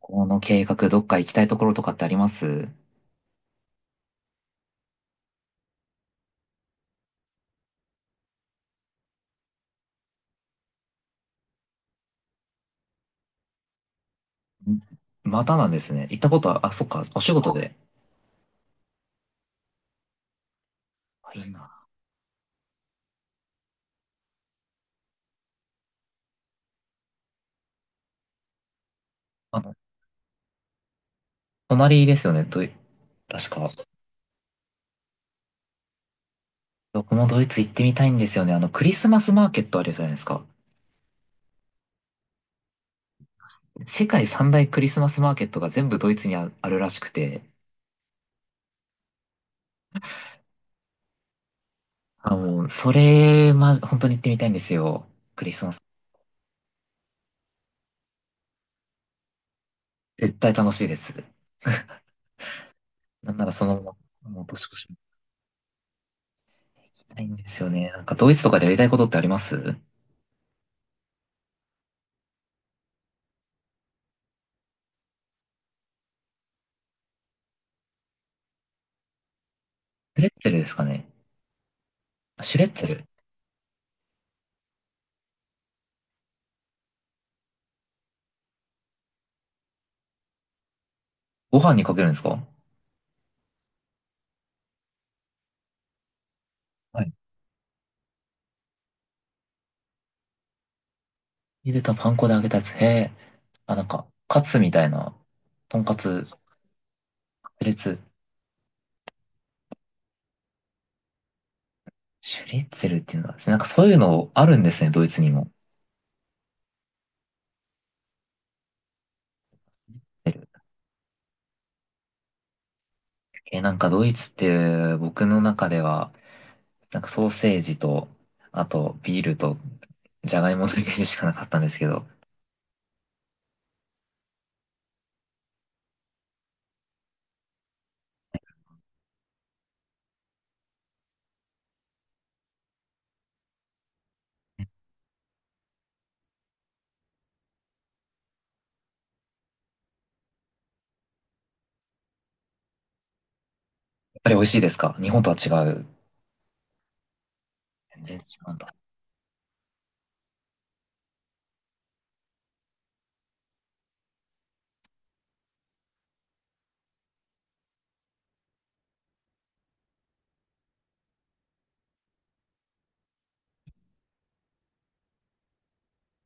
この計画、どっか行きたいところとかってあります？ん。またなんですね。行ったことは、あ、そっか、お仕事で。あ、いいな。あの、隣ですよね、確か。僕もドイツ行ってみたいんですよね。あの、クリスマスマーケットあるじゃないですか。世界三大クリスマスマーケットが全部ドイツにあるらしくて。あ、もう、それ、ま、本当に行ってみたいんですよ。クリスマス。絶対楽しいです。なんならそのままもう年越しも行きたいんですよね。なんかドイツとかでやりたいことってあります？シュレッツェルですかね。あ、シュレッツェル。ご飯にかけるんですか？はい。入れたパン粉で揚げたやつ。へえ。あ、なんか、カツみたいな、とんかつ、レツ、シュレッツェルっていうんでなんかそういうのあるんですね、ドイツにも。え、なんかドイツって僕の中では、なんかソーセージと、あとビールと、じゃがいものイメージしかなかったんですけど、やっぱり美味しいですか？日本とは違う。全然違うんだ。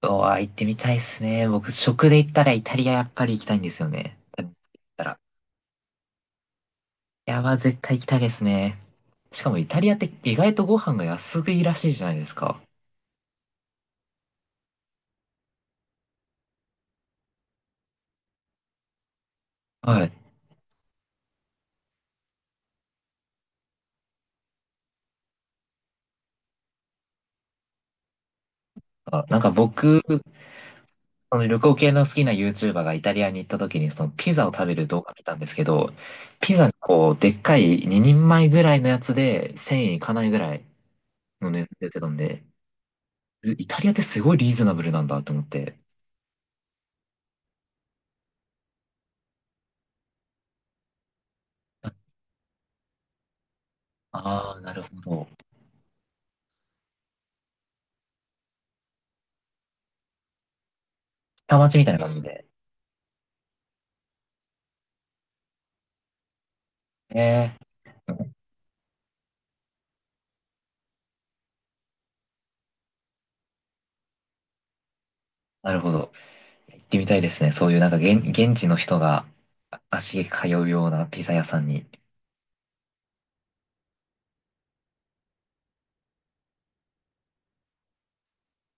うわ、行ってみたいっすね。僕、食で行ったらイタリアやっぱり行きたいんですよね。食べ行ったら。いやば、絶対行きたいですね。しかもイタリアって意外とご飯が安いらしいじゃないですか。はい。あなんか僕、その旅行系の好きな YouTuber がイタリアに行った時にそのピザを食べる動画見たんですけど、ピザにこう、でっかい2人前ぐらいのやつで1000円いかないぐらいの値段出てたんで、イタリアってすごいリーズナブルなんだと思って。ああ、なるほど。下町みたいな感じで。えー、なるほど。行ってみたいですね。そういうなんか現地の人が足げく通うようなピザ屋さんに行き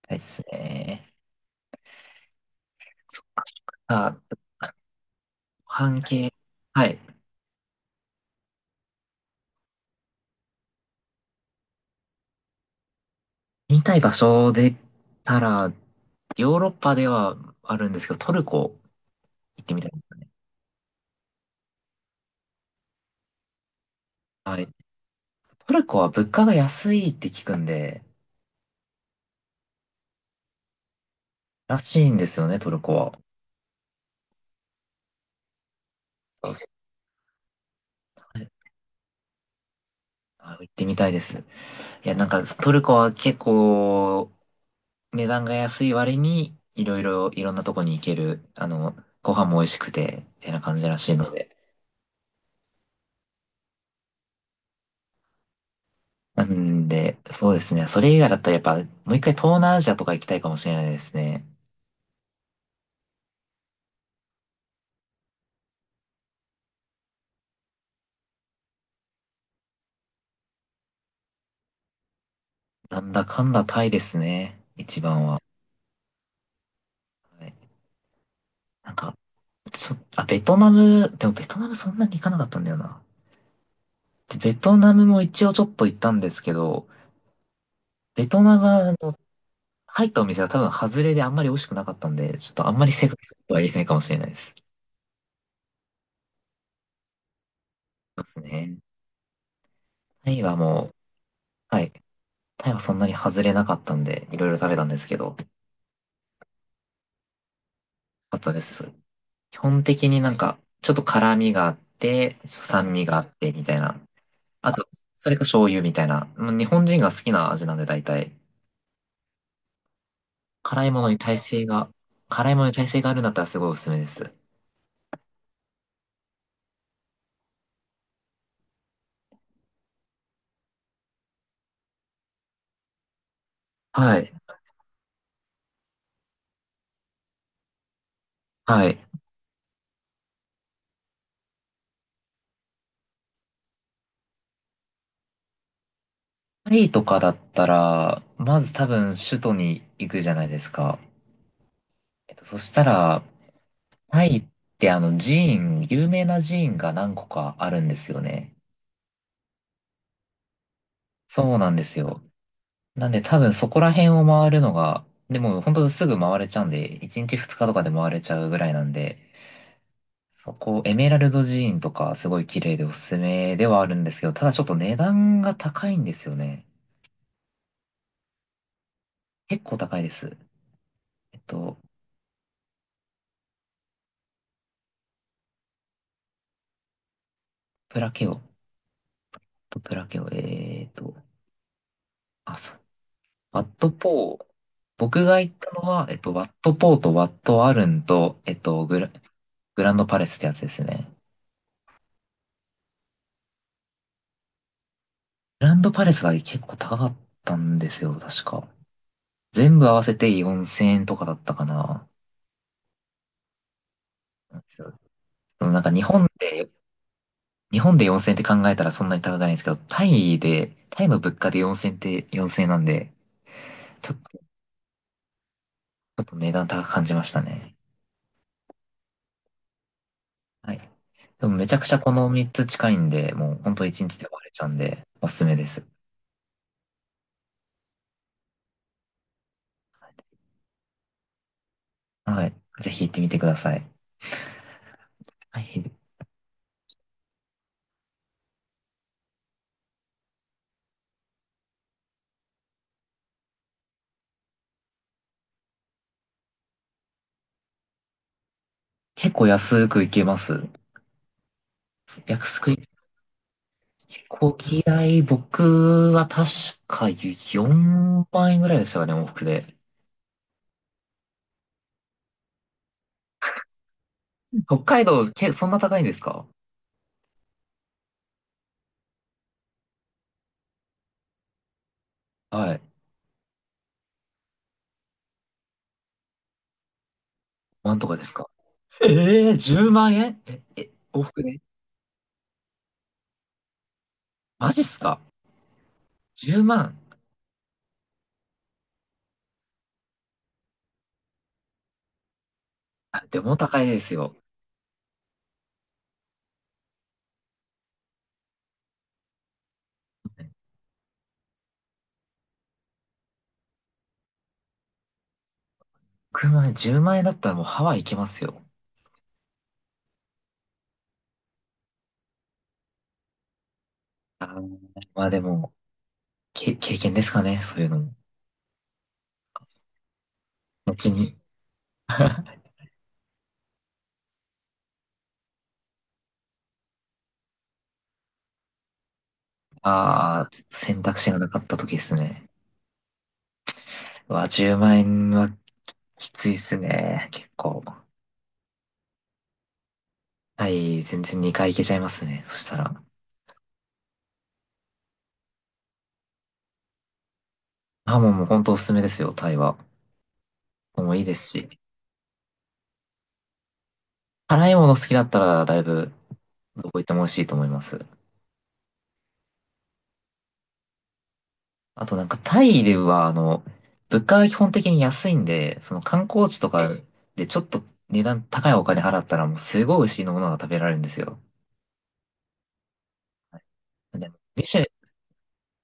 たいですね。そっかそっか。あ、半径、はい。見たい場所で言ったら、ヨーロッパではあるんですけど、トルコ行ってみたいですね。はい。トルコは物価が安いって聞くんで、らしいんですよね、トルコは。そうそう。はい。あ、行ってみたいです。いや、なんかトルコは結構値段が安い割に、いろいろ、いろんなとこに行ける、あの、ご飯も美味しくて、みたいな感じらしいので。なんで、そうですね。それ以外だったらやっぱ、もう一回東南アジアとか行きたいかもしれないですね。なんだかんだタイですね。一番は。はい。なんか、あ、ベトナム、でもベトナムそんなに行かなかったんだよな。でベトナムも一応ちょっと行ったんですけど、ベトナムはあの、入ったお店が多分外れであんまり美味しくなかったんで、ちょっとあんまり正確なことは言えないかもしれないです。そうですね。タイはもう、はい。タイはそんなに外れなかったんで、いろいろ食べたんですけど、よかったです。基本的になんか、ちょっと辛味があって、酸味があって、みたいな。あと、それか醤油みたいな。もう日本人が好きな味なんで、大体。辛いものに耐性が、あるんだったらすごいおすすめです。はい。はい。パリとかだったら、まず多分首都に行くじゃないですか。えっと、そしたら、タイってあの有名な寺院が何個かあるんですよね。そうなんですよ。なんで多分そこら辺を回るのが、でも本当すぐ回れちゃうんで、1日2日とかで回れちゃうぐらいなんで、そこ、エメラルド寺院とかすごい綺麗でおすすめではあるんですけど、ただちょっと値段が高いんですよね。結構高いです。えっと、プラケオ、とプラケオ、あ、そう、ワットポー、僕が行ったのは、ワットポーとワットアルンと、グランドパレスってやつですね。グランドパレスが結構高かったんですよ、確か。全部合わせて4000円とかだったかな。そのなんか日本で4000円って考えたらそんなに高くないんですけど、タイの物価で4000円って4000円なんで、ちょっと値段高く感じましたね。はい。でもめちゃくちゃこの3つ近いんで、もう本当1日で終われちゃうんで、おすすめです。はい。ぜひ行ってみてください。はい。結構安く行けます。安く、飛行機代、僕は確か4万円ぐらいでしたかね、往復で。北海道、そんな高いんですか？はい。なんとかですか？ええー、10万円？え、往復で？マジっすか？ 10 万。あ、でも高いですよ。9万円、10万円だったらもうハワイ行けますよ。あー、まあでも、経験ですかね、そういうのも。後に、ああ、選択肢がなかった時ですね。うわ、10万円はきついっすね。結構。タイ、全然2回行けちゃいますね。そしたら。あ、もう本当おすすめですよ、タイは。もういいですし。辛いもの好きだったら、だいぶ、どこ行っても美味しいと思います。あとなんか、タイでは、あの、物価が基本的に安いんで、その観光地とかでちょっと値段高いお金払ったら、もうすごい美味しいものが食べられるんですよ。でも、ミシュ、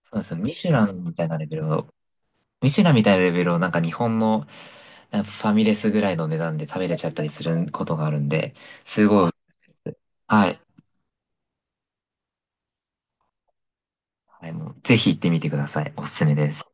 そうですよ。ミシュランみたいなレベルをなんか日本のなんかファミレスぐらいの値段で食べれちゃったりすることがあるんで、すごい、はい。はい、もうぜひ行ってみてください。おすすめです。